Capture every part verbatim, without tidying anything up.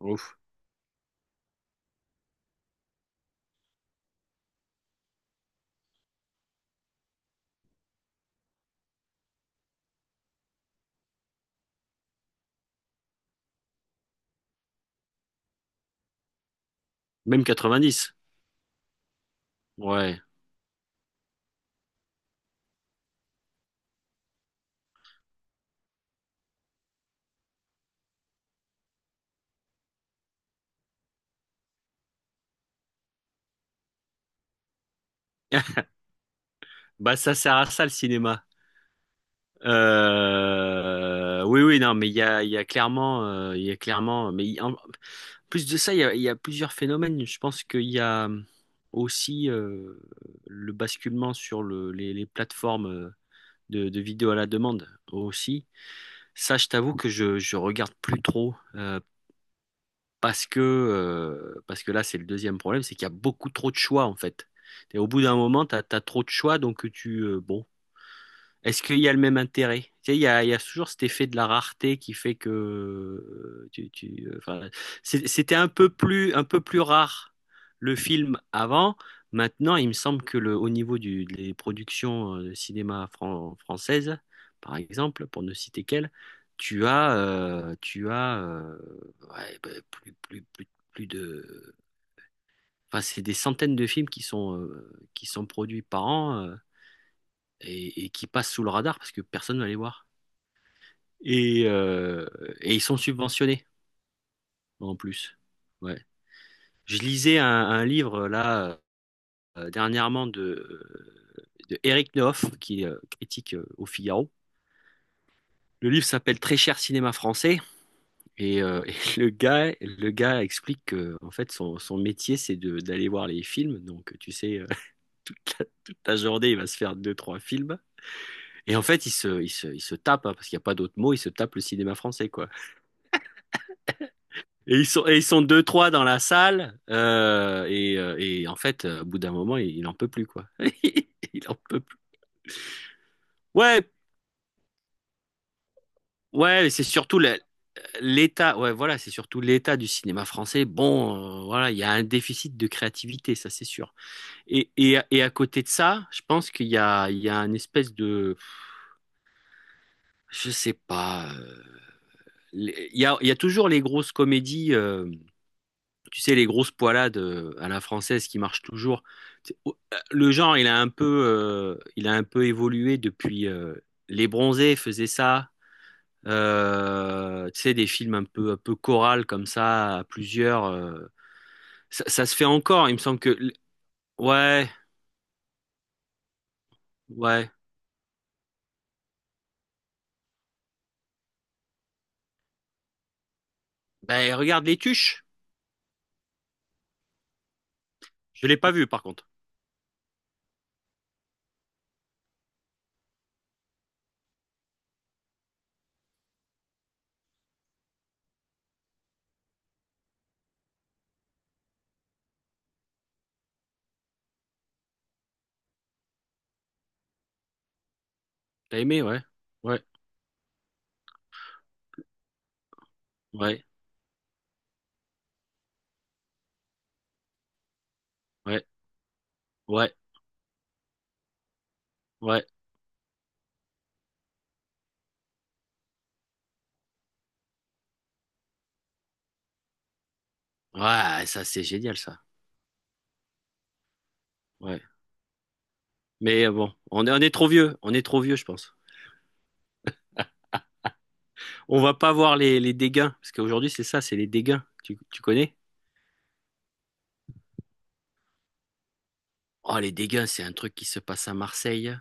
Ouf. Même quatre-vingt-dix. Ouais. Bah, ça sert à ça le cinéma. Euh, Oui, oui, non, mais il y a, il y a clairement, euh, il y a clairement, mais il- en en plus de ça, il y a, il y a plusieurs phénomènes. Je pense qu'il y a aussi, euh, le basculement sur le- les, les plateformes, euh, de, de vidéos à la demande aussi. Ça, je t'avoue que je, je regarde plus trop. euh, parce que, euh, parce que là, c'est le deuxième problème, c'est qu'il y a beaucoup trop de choix, en fait. Et au bout d'un moment, tu as, trop de choix, donc tu, euh, bon, est-ce qu'il y a le même intérêt? Tu sais, il y a, il y a toujours cet effet de la rareté qui fait que, euh, tu, tu- euh, enfin, c'est- c'était un peu plus, un peu plus rare le film avant. Maintenant, il me semble que le, au niveau du, des productions, euh, de cinéma fran- françaises, par exemple, pour ne citer qu'elles, tu as, euh, tu as, euh, ouais, bah, plus, plus, plus, plus de, enfin, c'est des centaines de films qui sont, euh, qui sont produits par an, euh, et, et qui passent sous le radar parce que personne ne va les voir. Et, euh, et ils sont subventionnés en plus. Ouais. Je lisais un, un livre là, euh, dernièrement, de, de Eric Nehoff, qui est, euh, critique, euh, au Figaro. Le livre s'appelle Très cher cinéma français, et, euh, et le gars, le gars explique que en fait son, son métier c'est de d'aller voir les films. Donc tu sais, euh, toute la, toute la journée il va se faire deux trois films, et en fait il se il se, il se tape, hein, parce qu'il n'y a pas d'autre mot, il se tape le cinéma français, quoi. Et ils sont, et ils sont deux, trois dans la salle. euh, et, euh, et en fait, euh, au bout d'un moment, il, il en peut plus, quoi. Il en peut plus. Ouais, ouais, mais c'est surtout le- l'état. Ouais, voilà, c'est surtout l'état du cinéma français. Bon, euh, voilà, il y a un déficit de créativité, ça c'est sûr. Et, et, et à côté de ça, je pense qu'il y a, il y a une espèce de, je sais pas. euh, les- Il y a, il y a toujours les grosses comédies. euh, Tu sais, les grosses poilades, euh, à la française qui marchent toujours. C'est- oh, euh, Le genre, il a un peu, euh, il a un peu évolué depuis. euh, Les Bronzés faisaient ça. Euh, tu sais, des films un peu, un peu chorales comme ça, à plusieurs. euh, ça, ça se fait encore. Il me semble que. l- Ouais, ouais. Ben, regarde Les Tuches. Je l'ai pas vu, par contre. T'as aimé, ouais. Ouais, ouais, ouais, ouais, ouais. Ouais, ça, c'est génial, ça. Ouais. Mais, euh, bon, on est, on est trop vieux. On est trop vieux, je pense. On va pas voir les, les dégâts, parce qu'aujourd'hui, c'est ça, c'est les dégâts. Tu, tu connais? Oh, les dégâts, c'est un truc qui se passe à Marseille.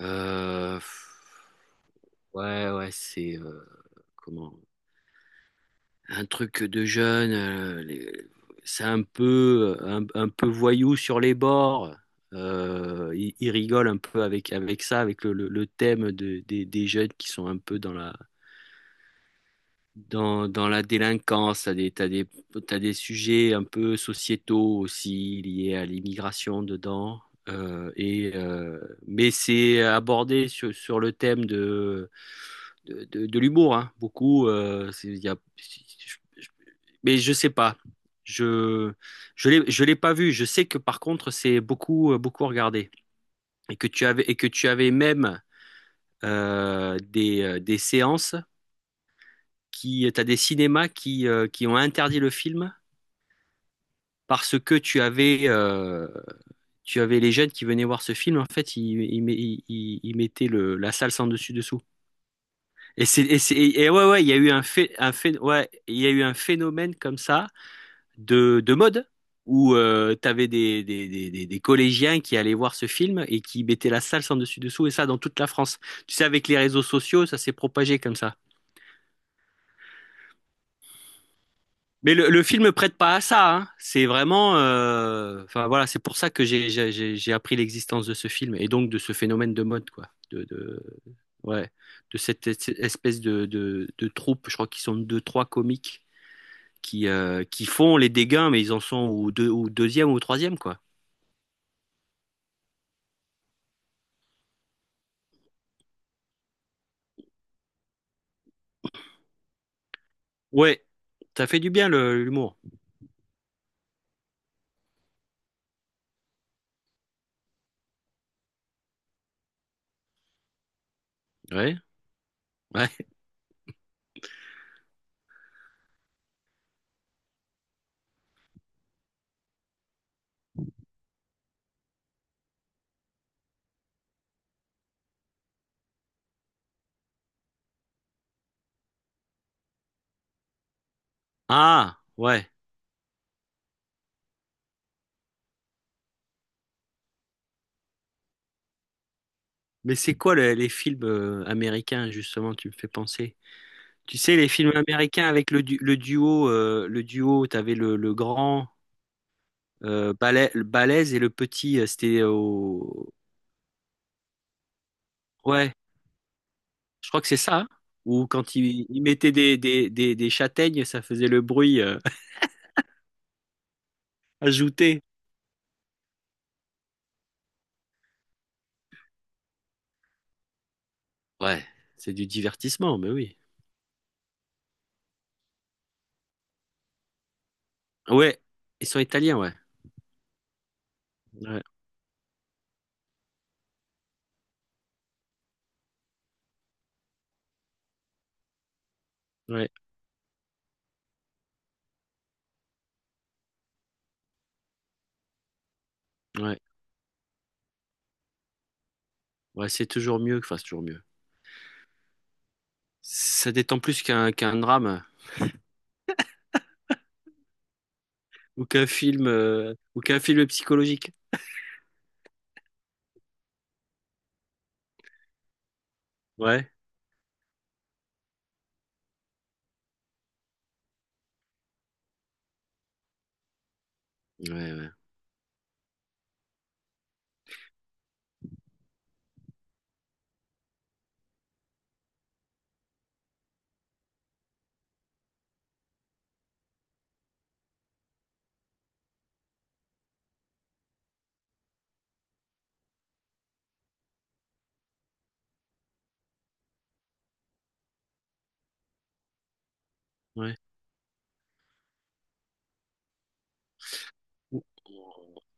Euh, pff, ouais, ouais, c'est, euh, comment? Un truc de jeune. Euh, les- c'est un peu, un, un peu voyou sur les bords. Euh, il, il rigole un peu avec, avec ça, avec le, le- le thème de- des, des jeunes qui sont un peu dans la, Dans, dans la délinquance. T'as des, t'as des, t'as des sujets un peu sociétaux aussi liés à l'immigration dedans. Euh, et, euh, mais c'est abordé sur, sur le thème de, de, de- de l'humour, hein. Beaucoup. Euh, c'est- il y a- je- je- Mais je sais pas. Je je l'ai je l'ai pas vu. Je sais que par contre c'est beaucoup, euh, beaucoup regardé, et que tu avais et que tu avais même, euh, des euh, des séances qui, euh, t'as des cinémas qui, euh, qui ont interdit le film parce que tu avais, euh, tu avais les jeunes qui venaient voir ce film. En fait, ils, ils, met- ils- ils- ils mettaient le, la salle sans dessus dessous. Et c'est, et c'est- et ouais, ouais, il y a eu un fait, un fait, ouais, il y a eu un phénomène comme ça de, de mode, où, euh, t'avais des, des, des, des- des collégiens qui allaient voir ce film et qui mettaient la salle sans dessus dessous, et ça dans toute la France. Tu sais, avec les réseaux sociaux, ça s'est propagé comme ça. Mais le, le film ne prête pas à ça, hein. C'est vraiment, euh, enfin voilà, c'est pour ça que j'ai j'ai j'ai- j'ai appris l'existence de ce film, et donc de ce phénomène de mode, quoi. De, de ouais, de cette es- espèce de de, de troupe. Je crois qu'ils sont deux, trois comiques qui, euh, qui font les dégâts, mais ils en sont au deux, au deuxième ou au troisième, quoi. Ouais, ça fait du bien le- l'humour. Ouais, ouais. Ah, ouais. Mais c'est quoi le- les films, euh, américains justement? Tu me fais penser. Tu sais, les films américains avec le, du- le duo, euh, le duo, t'avais le, le grand, euh, bala- le balèze et le petit, euh, c'était au... Ouais, je crois que c'est ça, hein. Ou quand ils il mettaient des, des, des, des châtaignes, ça faisait le bruit, euh, ajouté. Ouais, c'est du divertissement, mais oui. Ouais, ils sont italiens, ouais. Ouais, ouais, ouais. Ouais, c'est toujours mieux, enfin, c'est toujours mieux. Ça détend plus qu'un qu'un drame, ou qu'un film, euh, ou qu'un film psychologique. Ouais, ouais, ouais. Ouais. Ou-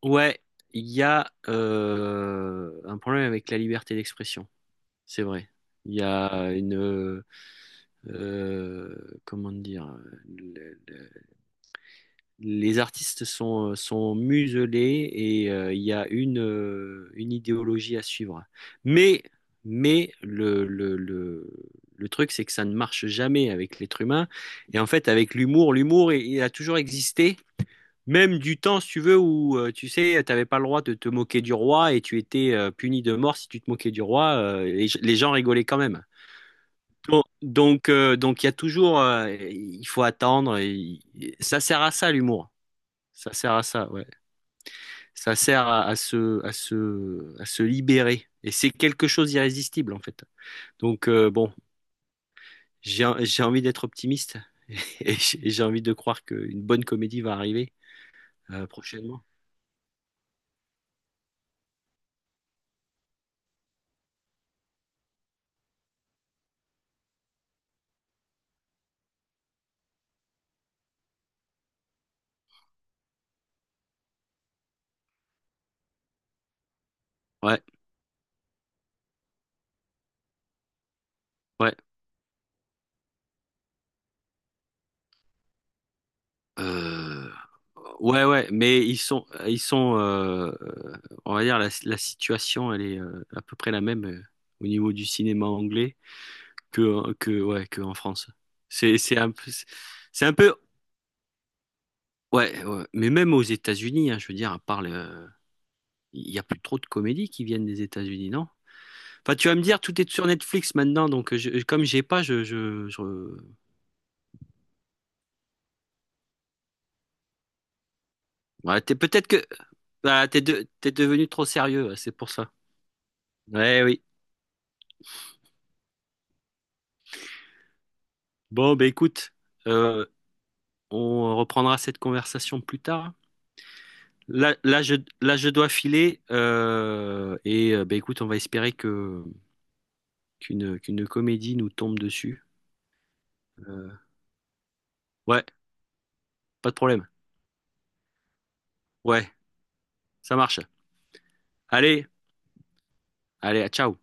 Ouais, il y a, euh, un problème avec la liberté d'expression, c'est vrai. Il y a une, euh, euh, comment dire, le- le- les artistes sont sont muselés, et, euh, il y a une, euh, une idéologie à suivre. Mais mais le le le le truc c'est que ça ne marche jamais avec l'être humain, et en fait avec l'humour, l'humour il il a toujours existé, même du temps, si tu veux, où, euh, tu sais, t'avais pas le droit de te moquer du roi, et tu étais, euh, puni de mort si tu te moquais du roi. Euh, les, les gens rigolaient quand même. Bon. Donc, euh, donc il y a toujours, euh, il faut attendre. Et- ça sert à ça l'humour. Ça sert à ça, ouais. Ça sert à, à se, à se, à se libérer. Et c'est quelque chose d'irrésistible en fait. Donc, euh, bon, j'ai, j'ai envie d'être optimiste, et j'ai j'ai envie de croire qu'une bonne comédie va arriver, euh, prochainement. Ouais, ouais. Euh, ouais, ouais, mais ils sont, ils sont, euh, euh, on va dire la, la situation, elle est, euh, à peu près la même, euh, au niveau du cinéma anglais que que ouais, que en France. C'est c'est un peu, c'est un peu, ouais, ouais. Mais même aux États-Unis, hein, je veux dire, à part le, il y a plus trop de comédies qui viennent des États-Unis, non? Enfin, tu vas me dire, tout est sur Netflix maintenant, donc je, comme j'ai pas, je, je, je... Ouais, t'es peut-être que, voilà, t'es de- t'es devenu trop sérieux, ouais, c'est pour ça. Ouais, oui. Bon, ben écoute, euh, on reprendra cette conversation plus tard. Là, là, je, Là, je dois filer. Euh, et euh, bah écoute, on va espérer que qu'une qu'une comédie nous tombe dessus. Euh, ouais, pas de problème. Ouais, ça marche. Allez, allez, à ciao.